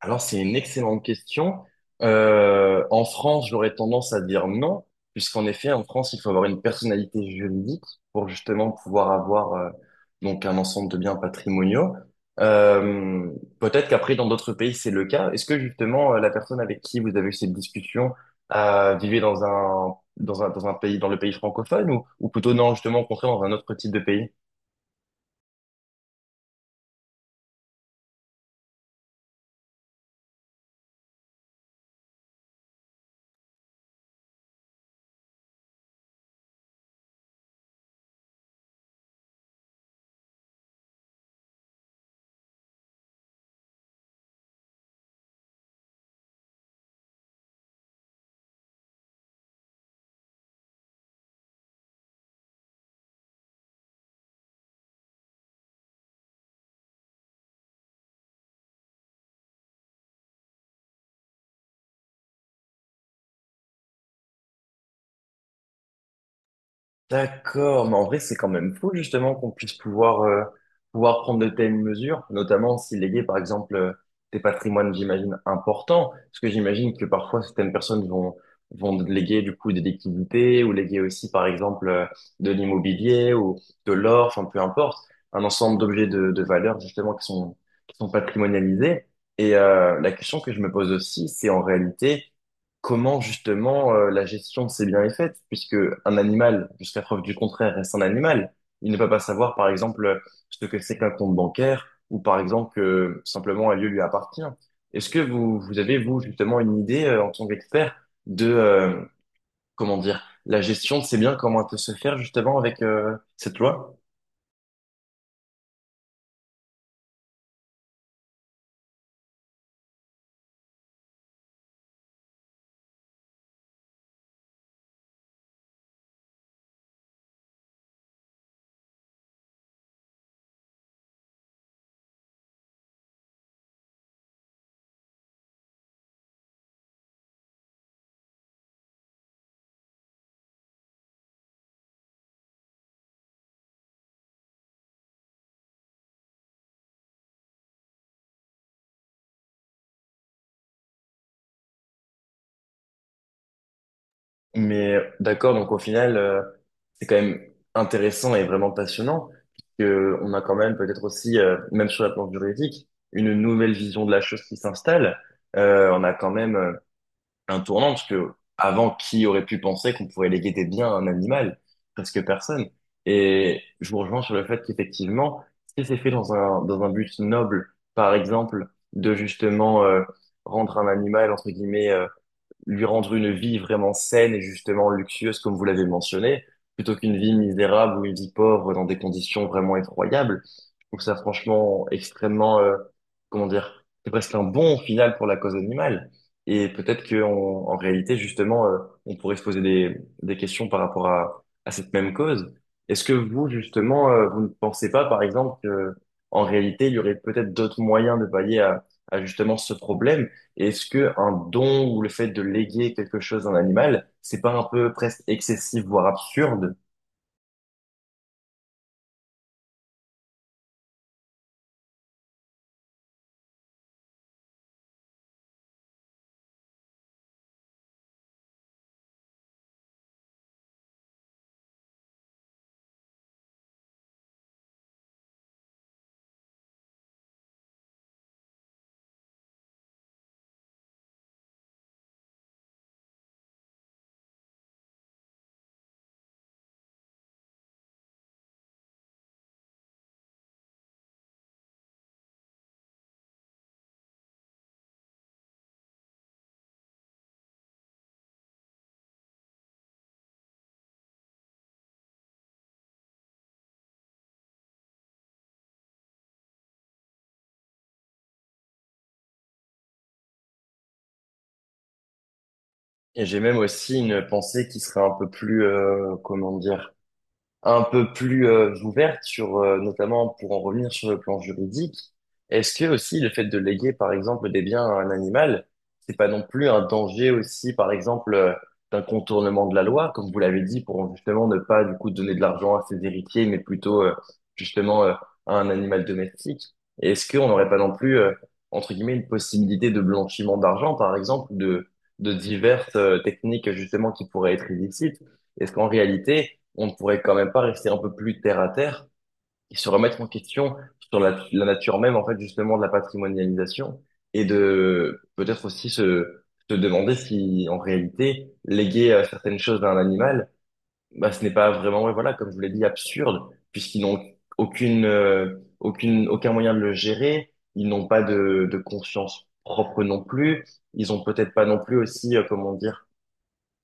Alors, c'est une excellente question. En France, j'aurais tendance à dire non, puisqu'en effet, en France, il faut avoir une personnalité juridique pour justement pouvoir avoir donc un ensemble de biens patrimoniaux. Euh, Peut-être qu'après, dans d'autres pays, c'est le cas. Est-ce que justement, la personne avec qui vous avez eu cette discussion vivait dans un pays, dans le pays francophone ou plutôt non, justement, au contraire, dans un autre type de pays? D'accord, mais en vrai, c'est quand même fou justement qu'on puisse pouvoir prendre de telles mesures, notamment si léguer par exemple des patrimoines, j'imagine, importants, parce que j'imagine que parfois certaines personnes vont léguer du coup des liquidités ou léguer aussi par exemple de l'immobilier ou de l'or, enfin peu importe, un ensemble d'objets de valeur justement qui sont patrimonialisés. Et la question que je me pose aussi, c'est en réalité comment justement la gestion de ces biens est faite, puisque un animal, jusqu'à preuve du contraire, reste un animal. Il ne peut pas savoir, par exemple, ce que c'est qu'un compte bancaire, ou par exemple que simplement un lieu lui appartient. Est-ce que vous, vous avez, vous, justement, une idée, en tant qu'expert, de, comment dire, la gestion de ces biens, comment elle peut se faire justement avec cette loi? Mais d'accord, donc au final, c'est quand même intéressant et vraiment passionnant, puisque on a quand même peut-être aussi, même sur la planche juridique, une nouvelle vision de la chose qui s'installe. On a quand même un tournant, parce que avant, qui aurait pu penser qu'on pourrait léguer des biens à un animal? Presque personne. Et je vous rejoins sur le fait qu'effectivement, si c'est fait dans un but noble, par exemple, de justement rendre un animal, entre guillemets, lui rendre une vie vraiment saine et justement luxueuse, comme vous l'avez mentionné, plutôt qu'une vie misérable ou une vie pauvre dans des conditions vraiment effroyables. Je trouve ça franchement extrêmement, comment dire, c'est presque un bon final pour la cause animale. Et peut-être que en réalité, justement, on pourrait se poser des questions par rapport à cette même cause. Est-ce que vous, justement, vous ne pensez pas, par exemple, que en réalité, il y aurait peut-être d'autres moyens de pallier à justement ce problème? Est-ce que un don ou le fait de léguer quelque chose à un animal, c'est pas un peu presque excessif, voire absurde? Et j'ai même aussi une pensée qui serait un peu plus, comment dire, un peu plus ouverte sur, notamment pour en revenir sur le plan juridique, est-ce que aussi le fait de léguer, par exemple, des biens à un animal, c'est pas non plus un danger aussi, par exemple, d'un contournement de la loi, comme vous l'avez dit, pour justement ne pas du coup donner de l'argent à ses héritiers, mais plutôt justement à un animal domestique? Et est-ce qu'on n'aurait pas non plus, entre guillemets, une possibilité de blanchiment d'argent, par exemple, ou de diverses techniques justement qui pourraient être illicites? Est-ce qu'en réalité, on ne pourrait quand même pas rester un peu plus terre à terre et se remettre en question sur la nature même, en fait, justement, de la patrimonialisation et de peut-être aussi se demander si, en réalité, léguer certaines choses à un animal, bah, ce n'est pas vraiment, ouais, voilà, comme je vous l'ai dit, absurde, puisqu'ils n'ont aucun moyen de le gérer, ils n'ont pas de conscience propre non plus, ils ont peut-être pas non plus aussi, comment dire,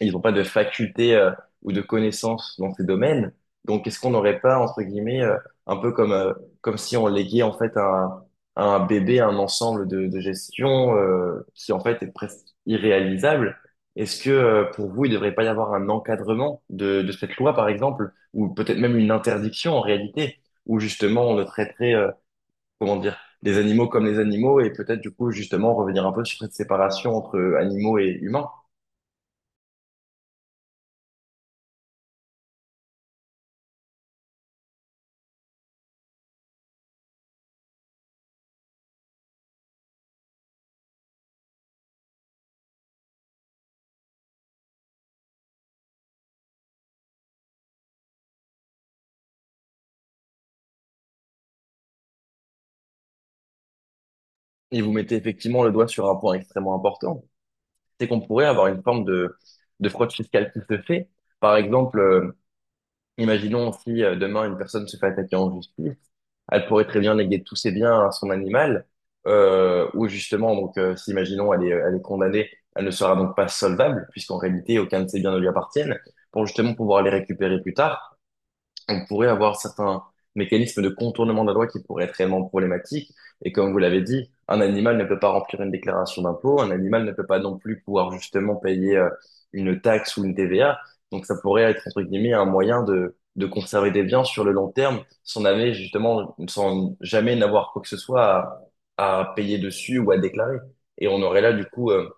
ils n'ont pas de faculté ou de connaissances dans ces domaines. Donc, est-ce qu'on n'aurait pas, entre guillemets, un peu comme, comme si on léguait en fait à un bébé un ensemble de gestion qui en fait est presque irréalisable? Est-ce que pour vous, il ne devrait pas y avoir un encadrement de cette loi, par exemple, ou peut-être même une interdiction en réalité, où justement on ne traiterait, comment dire, les animaux comme les animaux et peut-être du coup justement revenir un peu sur cette séparation entre animaux et humains? Et vous mettez effectivement le doigt sur un point extrêmement important, c'est qu'on pourrait avoir une forme de fraude fiscale qui se fait. Par exemple, imaginons si demain une personne se fait attaquer en justice, elle pourrait très bien léguer tous ses biens à son animal, ou justement, donc, si imaginons elle est condamnée, elle ne sera donc pas solvable, puisqu'en réalité, aucun de ses biens ne lui appartiennent, pour justement pouvoir les récupérer plus tard. On pourrait avoir certains mécanismes de contournement de la loi qui pourraient être réellement problématiques. Et comme vous l'avez dit, un animal ne peut pas remplir une déclaration d'impôt, un animal ne peut pas non plus pouvoir justement payer une taxe ou une TVA. Donc ça pourrait être, entre guillemets, un moyen de conserver des biens sur le long terme sans jamais, justement, sans jamais n'avoir quoi que ce soit à payer dessus ou à déclarer. Et on aurait là, du coup,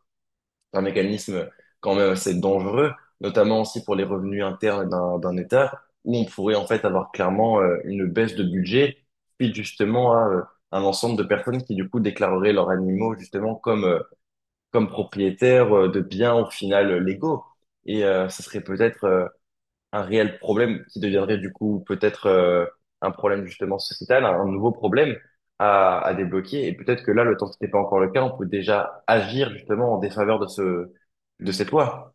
c'est un mécanisme quand même assez dangereux, notamment aussi pour les revenus internes d'un État, où on pourrait en fait avoir clairement une baisse de budget, puis justement à un ensemble de personnes qui du coup déclareraient leurs animaux justement comme propriétaires de biens au final légaux. Et ça serait peut-être un réel problème qui deviendrait du coup peut-être un problème justement sociétal, un nouveau problème à débloquer. Et peut-être que là, le temps que ce n'est pas encore le cas, on peut déjà agir justement en défaveur de cette loi.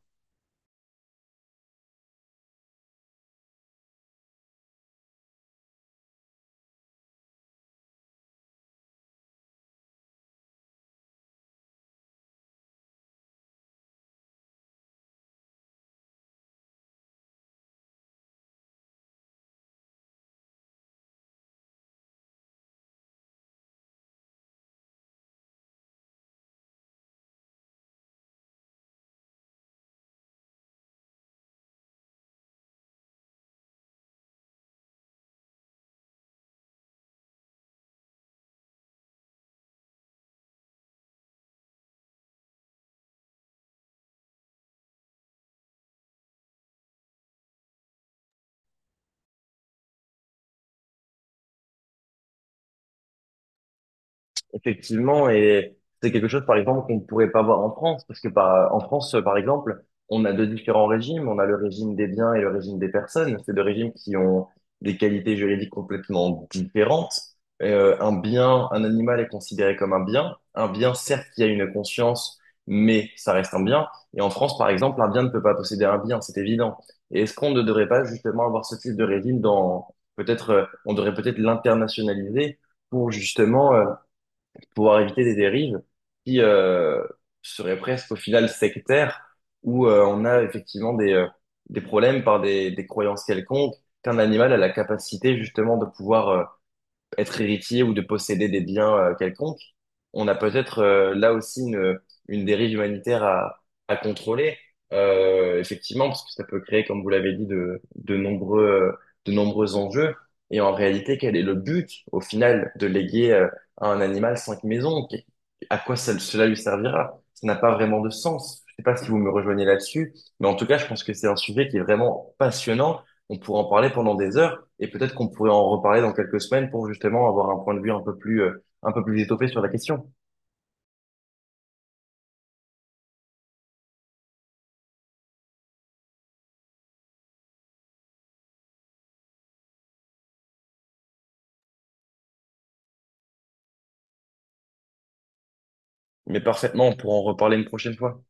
Effectivement, et c'est quelque chose, par exemple, qu'on ne pourrait pas voir en France, parce que en France, par exemple, on a deux différents régimes. On a le régime des biens et le régime des personnes. C'est deux régimes qui ont des qualités juridiques complètement différentes. Un bien, un animal est considéré comme un bien. Un bien, certes, qui a une conscience, mais ça reste un bien. Et en France, par exemple, un bien ne peut pas posséder un bien, c'est évident. Et est-ce qu'on ne devrait pas justement avoir ce type de régime dans, peut-être, on devrait peut-être l'internationaliser pour justement pouvoir éviter des dérives qui seraient presque au final sectaires, où on a effectivement des problèmes par des croyances quelconques, qu'un animal a la capacité justement de pouvoir être héritier ou de posséder des biens quelconques, on a peut-être là aussi une dérive humanitaire à contrôler, effectivement, parce que ça peut créer, comme vous l'avez dit, de nombreux enjeux. Et en réalité, quel est le but, au final, de léguer à un animal cinq maisons? À quoi cela lui servira? Ça n'a pas vraiment de sens. Je sais pas si vous me rejoignez là-dessus, mais en tout cas, je pense que c'est un sujet qui est vraiment passionnant. On pourrait en parler pendant des heures et peut-être qu'on pourrait en reparler dans quelques semaines pour justement avoir un point de vue un peu plus étoffé sur la question. Mais parfaitement, on pourra en reparler une prochaine fois.